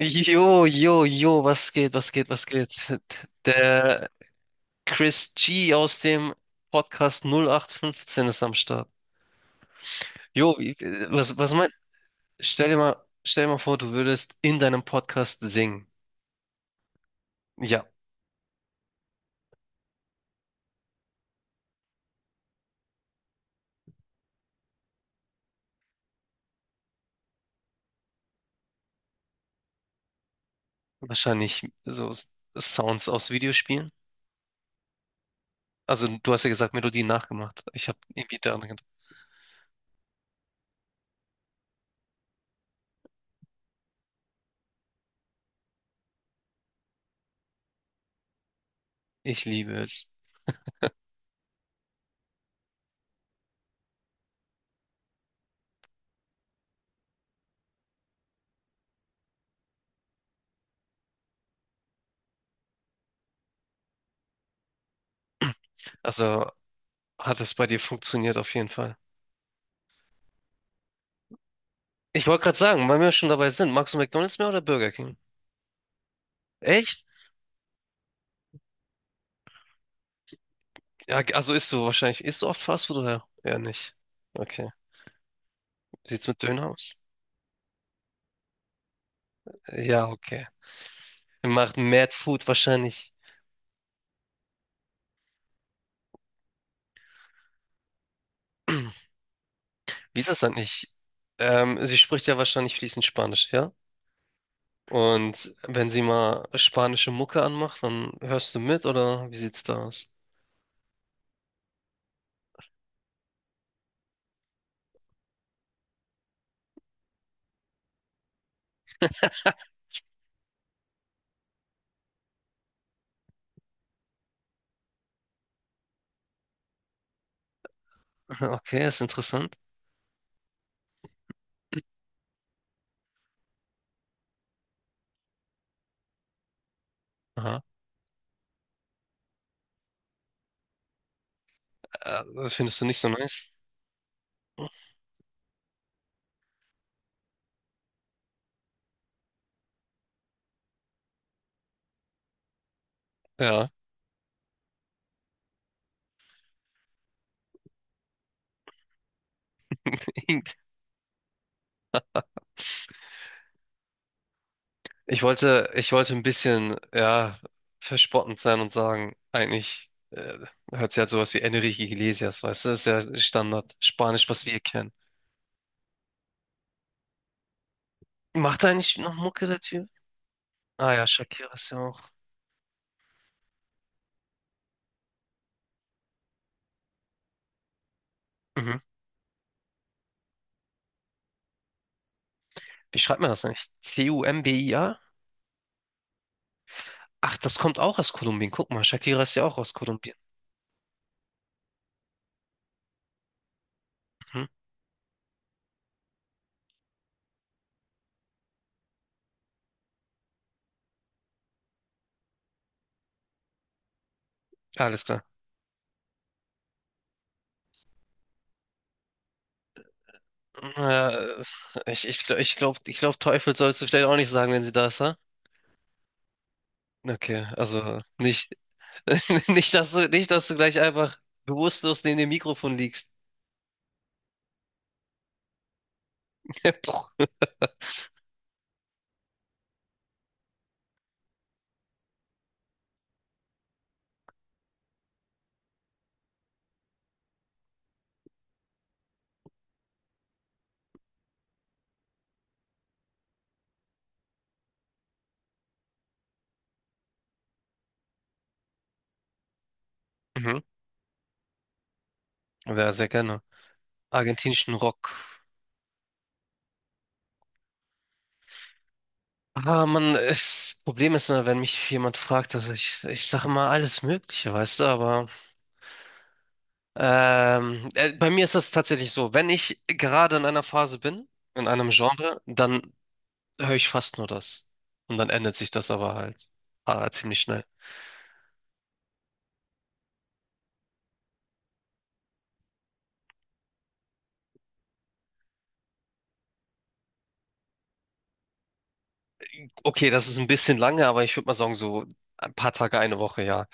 Jo, jo, jo, was geht, was geht, was geht? Der Chris G aus dem Podcast 08/15 ist am Start. Jo, was meinst. Stell dir mal, Stell dir mal vor, du würdest in deinem Podcast singen. Ja, wahrscheinlich so Sounds aus Videospielen. Also, du hast ja gesagt, Melodien nachgemacht. Ich habe irgendwie daran gedacht. Ich liebe es. Also, hat es bei dir funktioniert auf jeden Fall. Ich wollte gerade sagen, weil wir schon dabei sind, magst du McDonald's mehr oder Burger King? Echt? Ja, also isst du wahrscheinlich. Isst du oft Fastfood oder eher nicht? Okay. Wie sieht's mit Döner aus? Ja, okay. Ihr macht Mad Food wahrscheinlich. Wie ist das eigentlich? Sie spricht ja wahrscheinlich fließend Spanisch, ja? Und wenn sie mal spanische Mucke anmacht, dann hörst du mit oder wie sieht's da aus? Okay, ist interessant. Aha. Äh, findest du nicht so nice? Ja. Ich wollte ein bisschen, ja, verspottend sein und sagen, eigentlich hört sich halt sowas wie Enrique Iglesias, weißt du, das ist ja Standard Spanisch, was wir kennen. Macht er eigentlich noch Mucke, der Typ? Ah ja, Shakira ist ja auch. Mhm. Wie schreibt man das eigentlich? C-U-M-B-I-A? Ach, das kommt auch aus Kolumbien. Guck mal, Shakira ist ja auch aus Kolumbien. Mhm. Alles klar. Ja, ich glaub, Teufel sollst du vielleicht auch nicht sagen, wenn sie da ist. Okay, also nicht, nicht, dass du gleich einfach bewusstlos neben dem Mikrofon liegst. Puh. Mhm. Ja, sehr gerne. Argentinischen Rock. Ah, Mann, das Problem ist immer, wenn mich jemand fragt, dass ich sage immer alles Mögliche, weißt du, aber bei mir ist das tatsächlich so, wenn ich gerade in einer Phase bin, in einem Genre, dann höre ich fast nur das. Und dann ändert sich das aber halt ziemlich schnell. Okay, das ist ein bisschen lange, aber ich würde mal sagen, so ein paar Tage, eine Woche, ja.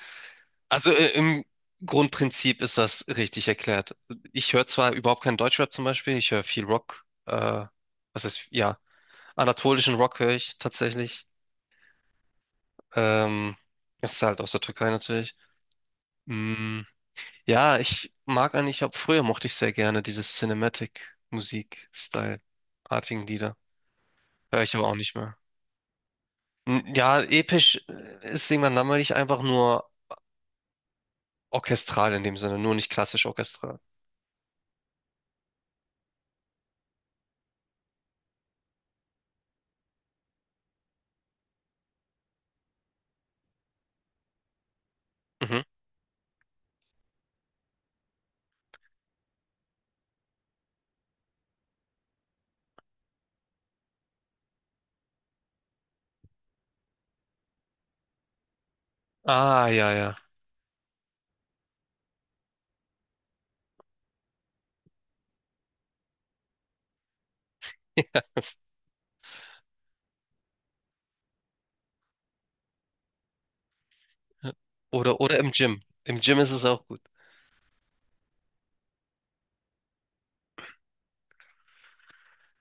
Also im Grundprinzip ist das richtig erklärt. Ich höre zwar überhaupt keinen Deutschrap zum Beispiel, ich höre viel Rock, was heißt, ja, anatolischen Rock höre ich tatsächlich. Ähm, Das ist halt aus der Türkei natürlich. Mm, ja, ich mag eigentlich, ab früher mochte ich sehr gerne dieses Cinematic-Musik-Style-artigen Lieder. Höre ich aber auch nicht mehr. Ja, episch ist irgendwann langweilig, einfach nur orchestral in dem Sinne, nur nicht klassisch orchestral. Mhm. Ah, ja, ja. Oder im Gym. Im Gym ist es auch gut.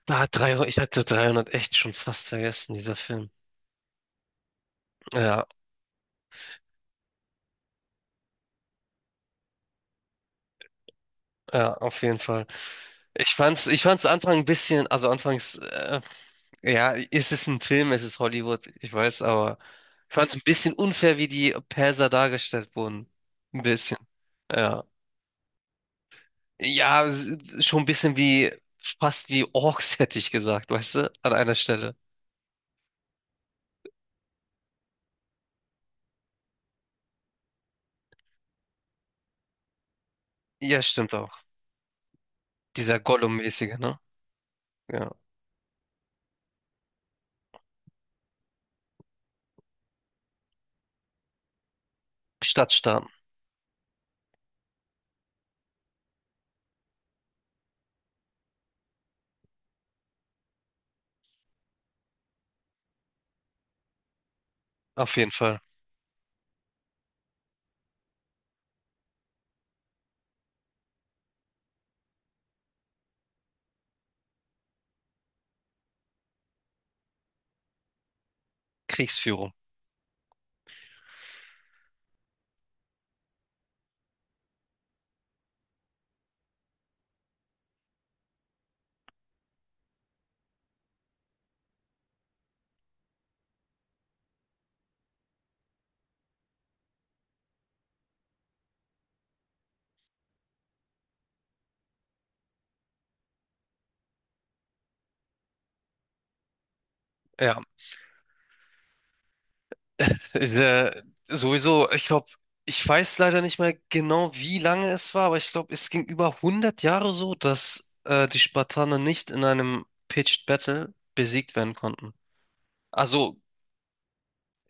Da 300. Ich hatte 300 echt schon fast vergessen, dieser Film. Ja, ja, auf jeden Fall. Ich fand's Anfang ein bisschen, also anfangs, ja, es ist ein Film, es ist Hollywood, ich weiß, aber ich fand's ein bisschen unfair, wie die Perser dargestellt wurden. Ein bisschen. Ja. Ja, schon ein bisschen wie, fast wie Orks hätte ich gesagt, weißt du, an einer Stelle. Ja, stimmt auch. Dieser Gollum-mäßige, ne? Ja. Stadtstaaten, auf jeden Fall. Kriegsführung. Ja. Ist, sowieso, ich glaube, ich weiß leider nicht mehr genau, wie lange es war, aber ich glaube, es ging über 100 Jahre so, dass die Spartaner nicht in einem Pitched Battle besiegt werden konnten. Also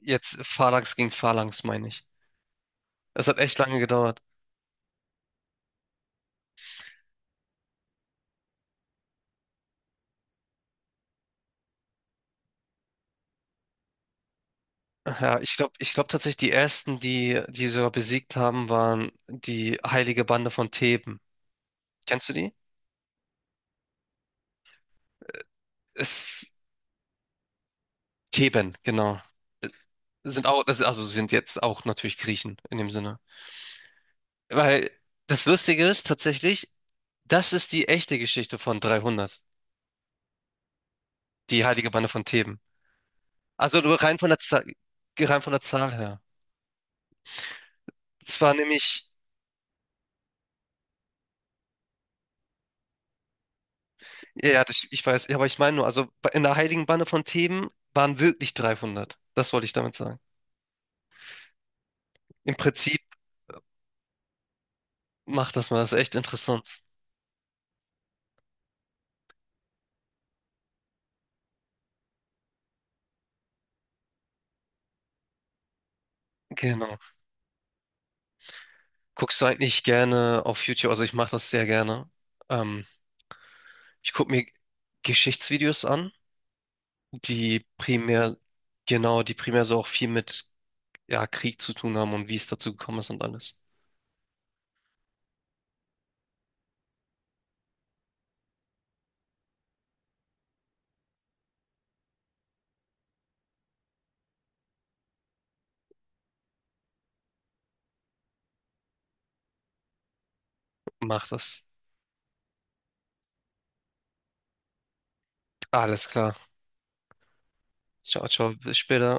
jetzt Phalanx gegen Phalanx, meine ich. Es hat echt lange gedauert. Ja, ich glaube tatsächlich, die ersten, die die sogar besiegt haben, waren die Heilige Bande von Theben. Kennst du die? Es, Theben, genau. Sind auch, also sind jetzt auch natürlich Griechen in dem Sinne. Weil das Lustige ist tatsächlich, das ist die echte Geschichte von 300, die heilige Bande von Theben. Also nur rein von der Zahl, rein von der Zahl her. Es war nämlich, ja, ja, das, ich weiß, ja, aber ich meine nur, also in der heiligen Bande von Theben waren wirklich 300. Das wollte ich damit sagen. Im Prinzip macht das mal, das ist echt interessant. Genau. Guckst du eigentlich gerne auf YouTube? Also ich mache das sehr gerne. Ähm, Ich gucke mir Geschichtsvideos an, die primär, genau, die primär so auch viel mit ja, Krieg zu tun haben und wie es dazu gekommen ist und alles. Mach das. Alles klar. Ciao, ciao. Bis später.